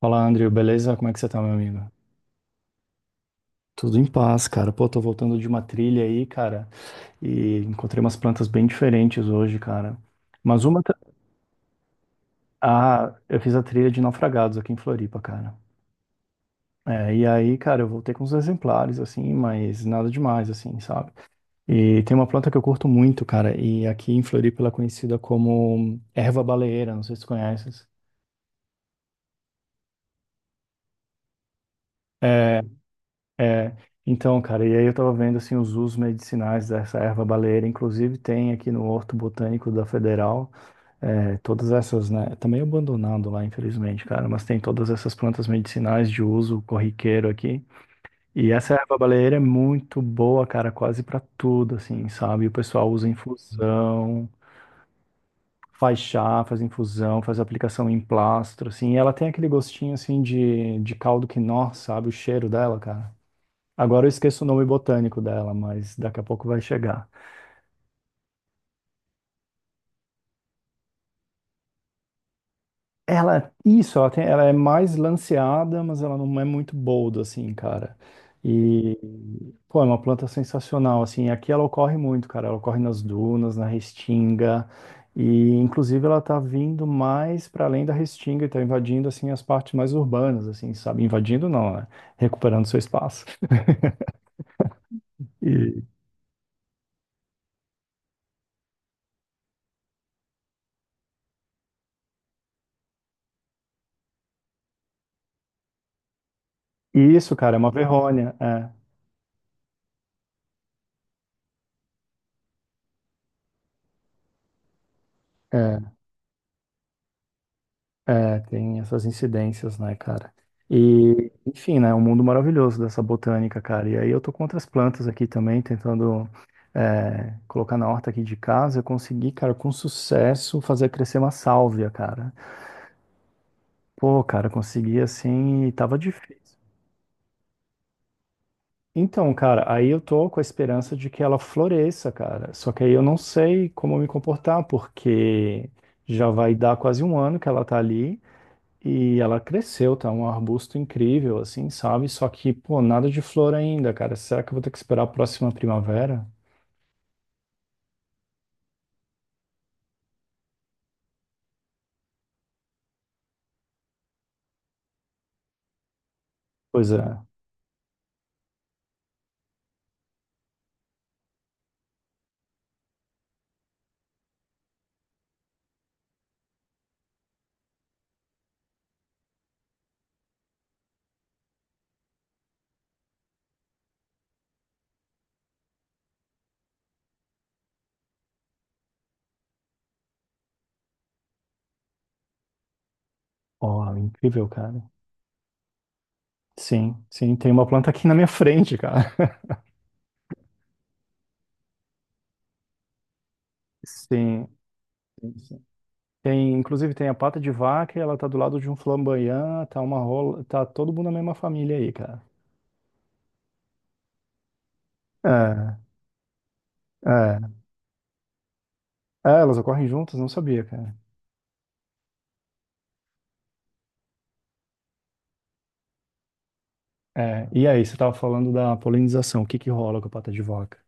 Fala, Andrew, beleza? Como é que você tá, meu amigo? Tudo em paz, cara. Pô, tô voltando de uma trilha aí, cara, e encontrei umas plantas bem diferentes hoje, cara. Mas uma. Ah, eu fiz a trilha de naufragados aqui em Floripa, cara. É, e aí, cara, eu voltei com uns exemplares, assim, mas nada demais, assim, sabe? E tem uma planta que eu curto muito, cara, e aqui em Floripa ela é conhecida como erva baleeira, não sei se tu conheces. É, é, então, cara, e aí eu tava vendo assim os usos medicinais dessa erva baleeira, inclusive tem aqui no Horto Botânico da Federal, todas essas, né? Tá meio abandonado lá, infelizmente, cara, mas tem todas essas plantas medicinais de uso corriqueiro aqui. E essa erva baleeira é muito boa, cara, quase pra tudo, assim, sabe? O pessoal usa infusão, faz chá, faz infusão, faz aplicação em plastro, assim, e ela tem aquele gostinho assim de caldo quinó, sabe? O cheiro dela, cara. Agora eu esqueço o nome botânico dela, mas daqui a pouco vai chegar. Ela, isso, ela tem, ela é mais lanceada, mas ela não é muito boldo, assim, cara. E, pô, é uma planta sensacional, assim. Aqui ela ocorre muito, cara. Ela ocorre nas dunas, na restinga. E, inclusive, ela tá vindo mais para além da restinga e tá invadindo, assim, as partes mais urbanas, assim, sabe? Invadindo não, né? Recuperando seu espaço. E, e isso, cara, é uma verrônia. É. É. É, tem essas incidências, né, cara? E, enfim, né, um mundo maravilhoso dessa botânica, cara. E aí eu tô com outras plantas aqui também, tentando colocar na horta aqui de casa. Eu consegui, cara, com sucesso, fazer crescer uma sálvia, cara. Pô, cara, consegui assim e tava difícil. Então, cara, aí eu tô com a esperança de que ela floresça, cara. Só que aí eu não sei como me comportar, porque já vai dar quase um ano que ela tá ali. E ela cresceu, tá um arbusto incrível, assim, sabe? Só que, pô, nada de flor ainda, cara. Será que eu vou ter que esperar a próxima primavera? Pois é. Ó, incrível, cara. Sim, sim, tem uma planta aqui na minha frente, cara. Sim, sim, sim. Tem, inclusive tem a pata de vaca, e ela tá do lado de um flamboyant, tá uma rola, tá todo mundo na mesma família aí, cara. É, é. É, elas ocorrem juntas, não sabia, cara. É, e aí, você tava falando da polinização, o que que rola com a pata de vaca?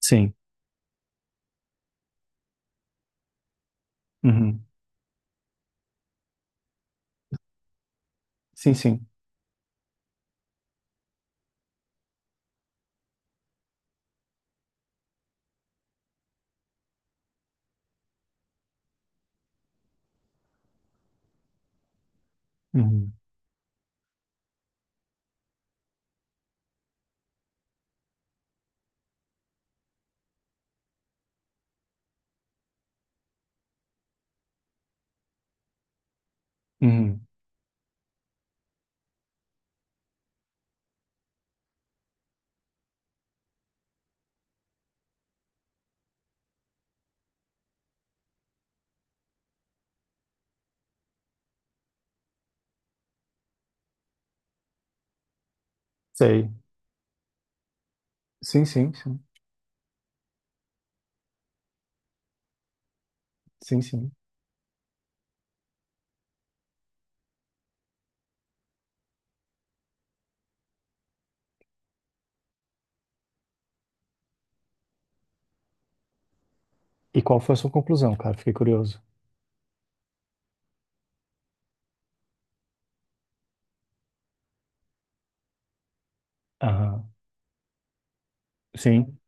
Sim. Uhum. Sim, sim. Uhum. Uhum. Sei. Sim, sim, sim. Sim, sim. E qual foi a sua conclusão, cara? Fiquei curioso. Aham. Sim.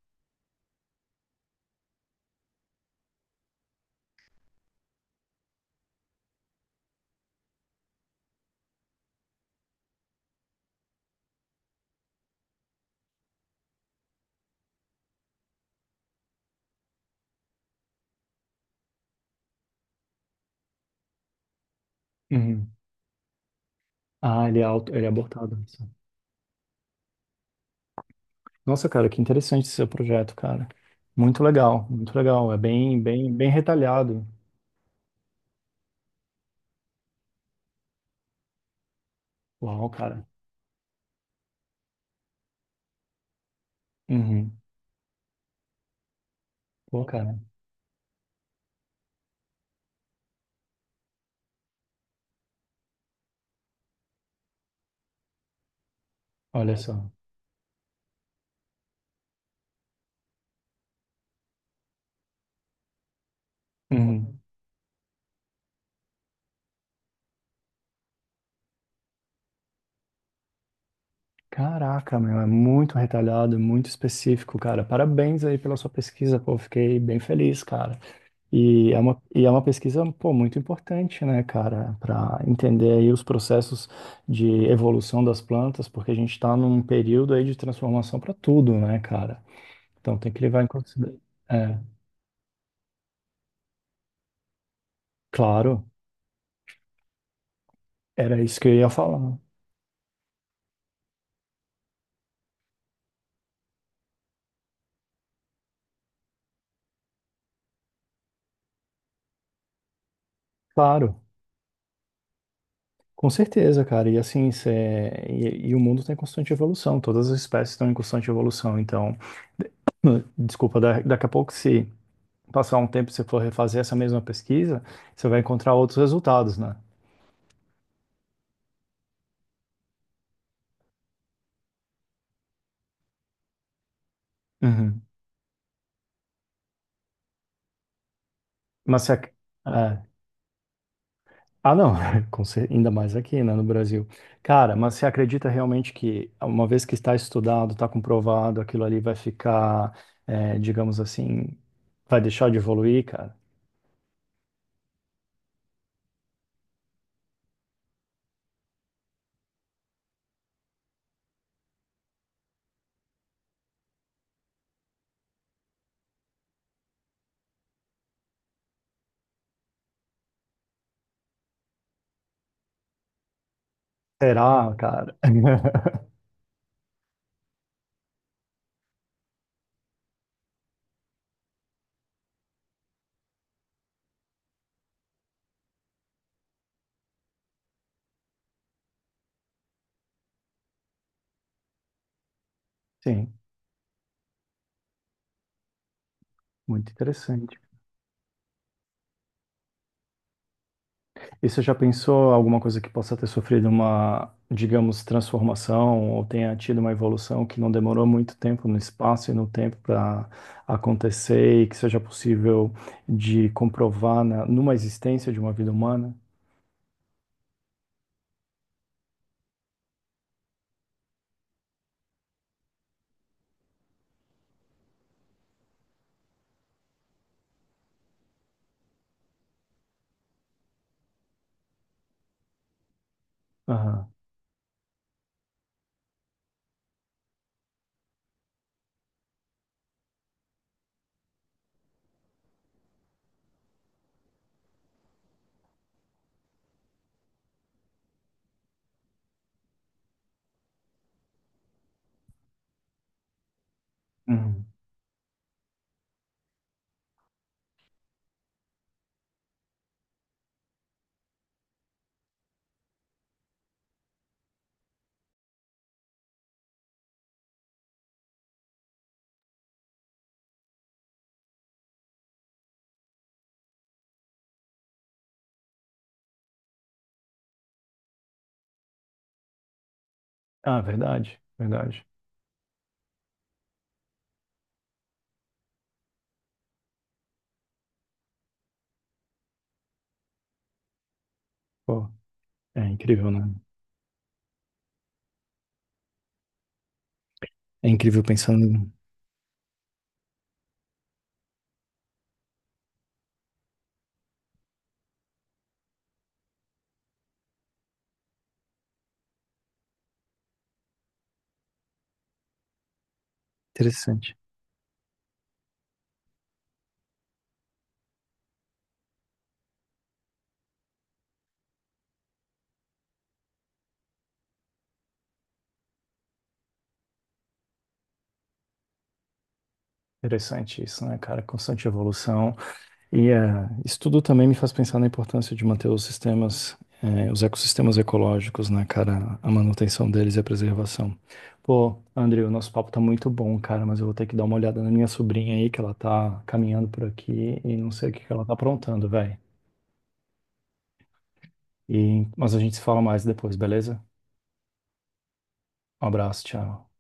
Uhum. Ah, ele é auto, ele é abortado. Nossa, cara, que interessante esse seu projeto, cara. Muito legal, muito legal. É bem, bem, bem retalhado. Uau, cara. Uhum. Pô, cara, olha só. Uhum. Caraca, meu, é muito retalhado, muito específico, cara. Parabéns aí pela sua pesquisa, pô. Fiquei bem feliz, cara. E é uma pesquisa, pô, muito importante, né, cara, para entender aí os processos de evolução das plantas, porque a gente está num período aí de transformação para tudo, né, cara? Então tem que levar em consideração. É, claro, era isso que eu ia falar. Claro, com certeza, cara. E assim, e o mundo está em constante evolução, todas as espécies estão em constante evolução. Então, de- desculpa, daqui a pouco, se passar um tempo e você for refazer essa mesma pesquisa, você vai encontrar outros resultados, né? Uhum. Mas se ac... é. Ah, não, ainda mais aqui, né, no Brasil. Cara, mas você acredita realmente que, uma vez que está estudado, está comprovado, aquilo ali vai ficar, é, digamos assim, vai deixar de evoluir, cara? Será, cara? Sim, muito interessante. E você já pensou alguma coisa que possa ter sofrido uma, digamos, transformação ou tenha tido uma evolução que não demorou muito tempo no espaço e no tempo para acontecer e que seja possível de comprovar na, numa existência de uma vida humana? Aham. Uhum. Ah, verdade, verdade. Pô, é incrível, né? É incrível pensando. Interessante. Interessante isso, né, cara? Constante evolução. E isso tudo também me faz pensar na importância de manter os sistemas, os ecossistemas ecológicos, né, cara? A manutenção deles e a preservação. Pô, André, o nosso papo tá muito bom, cara, mas eu vou ter que dar uma olhada na minha sobrinha aí, que ela tá caminhando por aqui e não sei o que que ela tá aprontando, velho. E, mas a gente se fala mais depois, beleza? Um abraço, tchau.